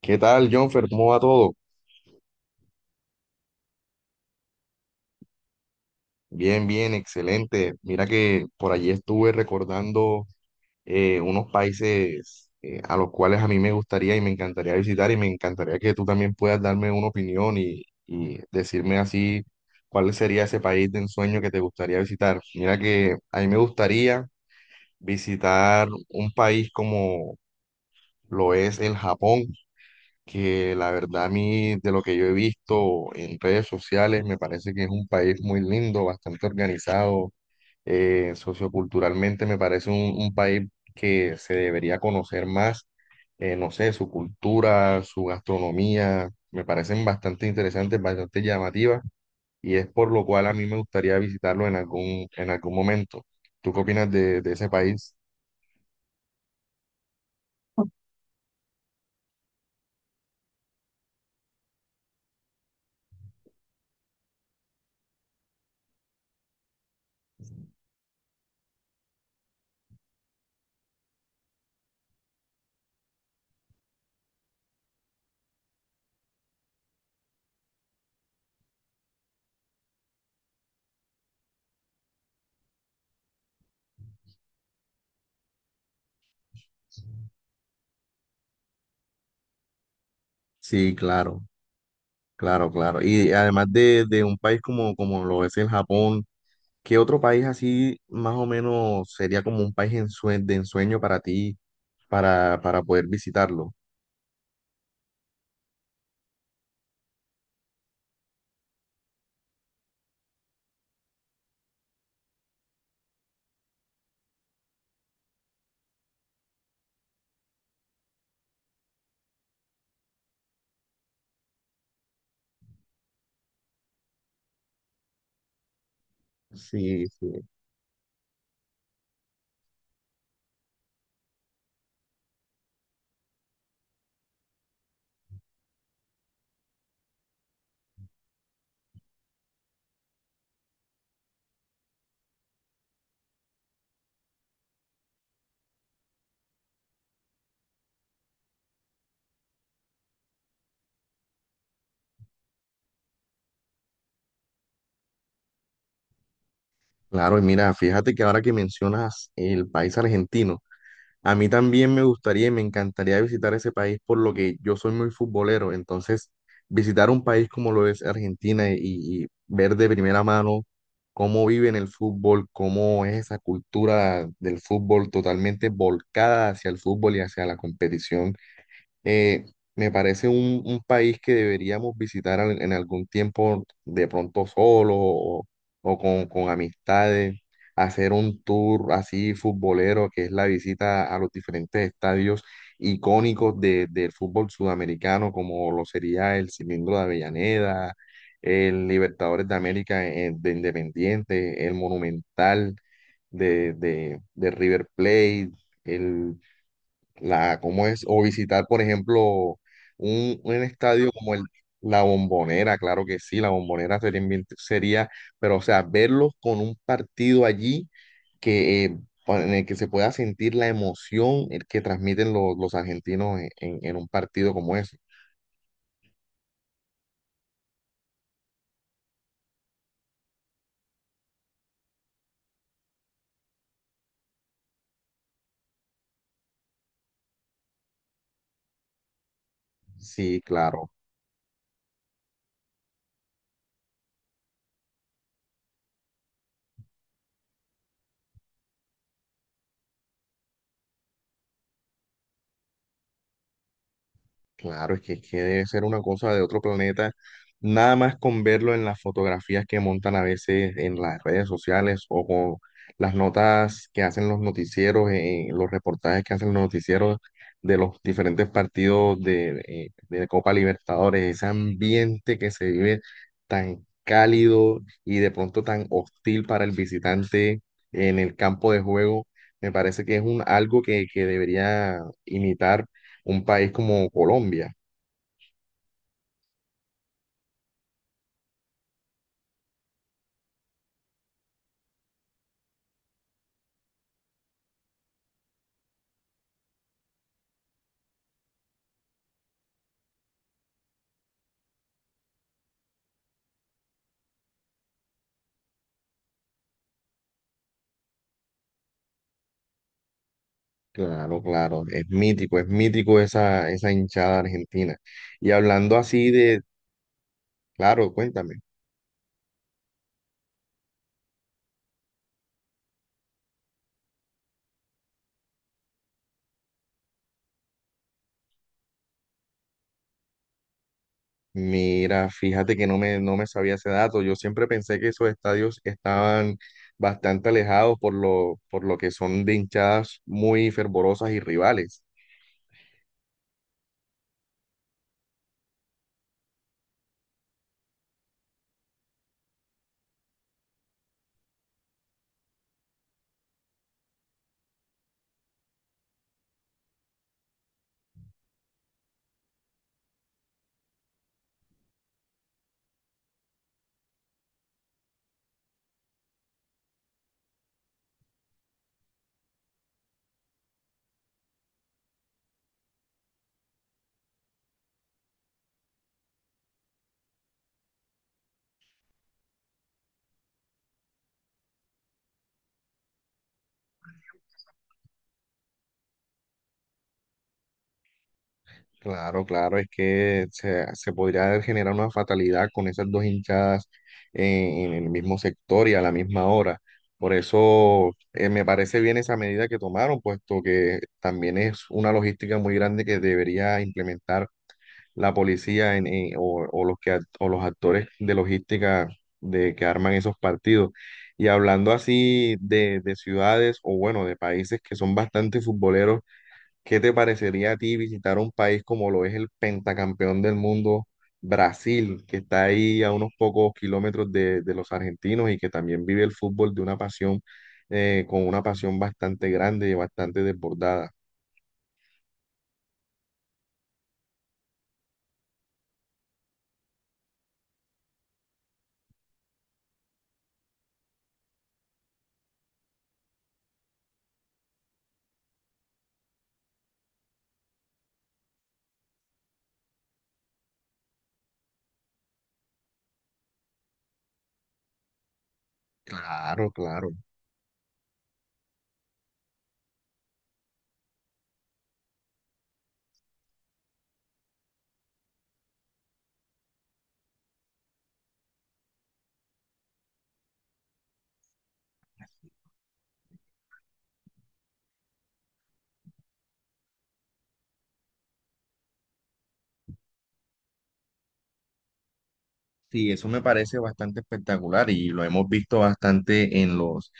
¿Qué tal, Jonfer? ¿Cómo va todo? Bien, bien, excelente. Mira que por allí estuve recordando unos países a los cuales a mí me gustaría y me encantaría visitar y me encantaría que tú también puedas darme una opinión y decirme así cuál sería ese país de ensueño que te gustaría visitar. Mira que a mí me gustaría visitar un país como lo es el Japón, que la verdad a mí, de lo que yo he visto en redes sociales, me parece que es un país muy lindo, bastante organizado, socioculturalmente me parece un país que se debería conocer más, no sé, su cultura, su gastronomía, me parecen bastante interesantes, bastante llamativas, y es por lo cual a mí me gustaría visitarlo en algún momento. ¿Tú qué opinas de ese país? Sí, claro, claro, claro. Y además de un país como, como lo es el Japón, ¿qué otro país así más o menos sería como un país de ensueño para ti, para poder visitarlo? Sí, sí. Claro, y mira, fíjate que ahora que mencionas el país argentino, a mí también me gustaría y me encantaría visitar ese país por lo que yo soy muy futbolero, entonces visitar un país como lo es Argentina y ver de primera mano cómo viven el fútbol, cómo es esa cultura del fútbol totalmente volcada hacia el fútbol y hacia la competición. Eh, Me parece un país que deberíamos visitar en algún tiempo, de pronto solo o con amistades, hacer un tour así futbolero, que es la visita a los diferentes estadios icónicos del fútbol sudamericano, como lo sería el Cilindro de Avellaneda, el Libertadores de América, de Independiente, el Monumental de River Plate, el cómo es, o visitar, por ejemplo, un estadio como el, la Bombonera, claro que sí, la Bombonera sería, sería, pero o sea, verlos con un partido allí que, en el que se pueda sentir la emoción que transmiten los argentinos en, en un partido como ese. Sí, claro. Claro, es que debe ser una cosa de otro planeta, nada más con verlo en las fotografías que montan a veces en las redes sociales o con las notas que hacen los noticieros, los reportajes que hacen los noticieros de los diferentes partidos de Copa Libertadores, ese ambiente que se vive tan cálido y de pronto tan hostil para el visitante en el campo de juego, me parece que es algo que debería imitar un país como Colombia. Claro, claro, es mítico esa, esa hinchada argentina. Y hablando así de, claro, cuéntame. Mira, fíjate que no me, no me sabía ese dato. Yo siempre pensé que esos estadios estaban bastante alejados por lo que son de hinchadas muy fervorosas y rivales. Claro, claro, es que se podría generar una fatalidad con esas dos hinchadas en, el mismo sector y a la misma hora. Por eso me parece bien esa medida que tomaron, puesto que también es una logística muy grande que debería implementar la policía en, o los que, act- o los actores de logística de que arman esos partidos. Y hablando así de ciudades o bueno, de países que son bastante futboleros, ¿qué te parecería a ti visitar un país como lo es el pentacampeón del mundo, Brasil, que está ahí a unos pocos kilómetros de los argentinos y que también vive el fútbol de una pasión, con una pasión bastante grande y bastante desbordada? Claro, claro. Sí, eso me parece bastante espectacular y lo hemos visto bastante en los,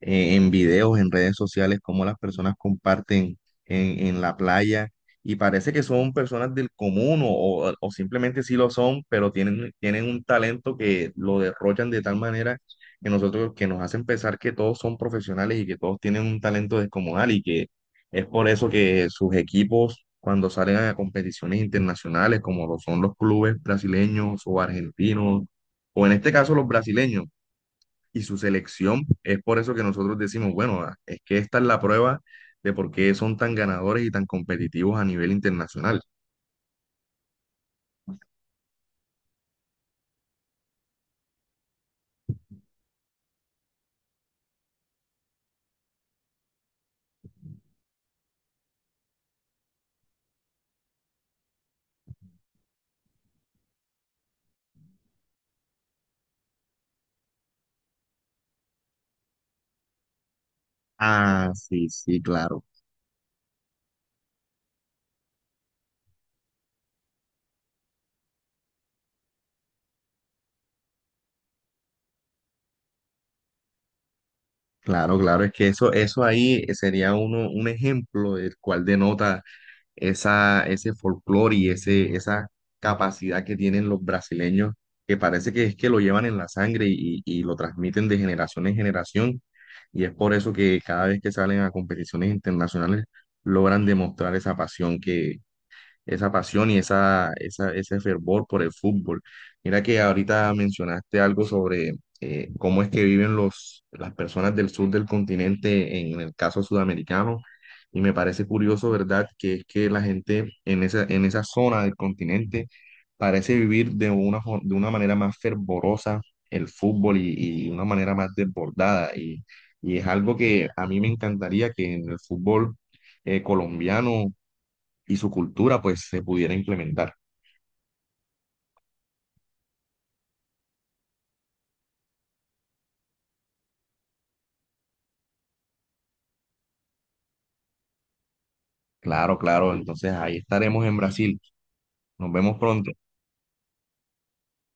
eh, en videos, en redes sociales, cómo las personas comparten en la playa y parece que son personas del común simplemente sí lo son, pero tienen, tienen un talento que lo derrochan de tal manera que nosotros, que nos hacen pensar que todos son profesionales y que todos tienen un talento descomunal y que es por eso que sus equipos, cuando salen a competiciones internacionales, como lo son los clubes brasileños o argentinos, o en este caso los brasileños, y su selección, es por eso que nosotros decimos, bueno, ah, es que esta es la prueba de por qué son tan ganadores y tan competitivos a nivel internacional. Ah, sí, sí, claro, claro, claro, es que eso ahí sería un ejemplo del cual denota esa, ese folclore y ese, esa capacidad que tienen los brasileños, que parece que es que lo llevan en la sangre y lo transmiten de generación en generación. Y es por eso que cada vez que salen a competiciones internacionales logran demostrar esa pasión, esa pasión y esa, ese fervor por el fútbol. Mira que ahorita mencionaste algo sobre cómo es que viven las personas del sur del continente en el caso sudamericano. Y me parece curioso, ¿verdad?, que es que la gente en esa zona del continente parece vivir de de una manera más fervorosa el fútbol y una manera más desbordada. Y es algo que a mí me encantaría que en el fútbol colombiano y su cultura pues se pudiera implementar. Claro, claro, entonces ahí estaremos en Brasil. Nos vemos pronto.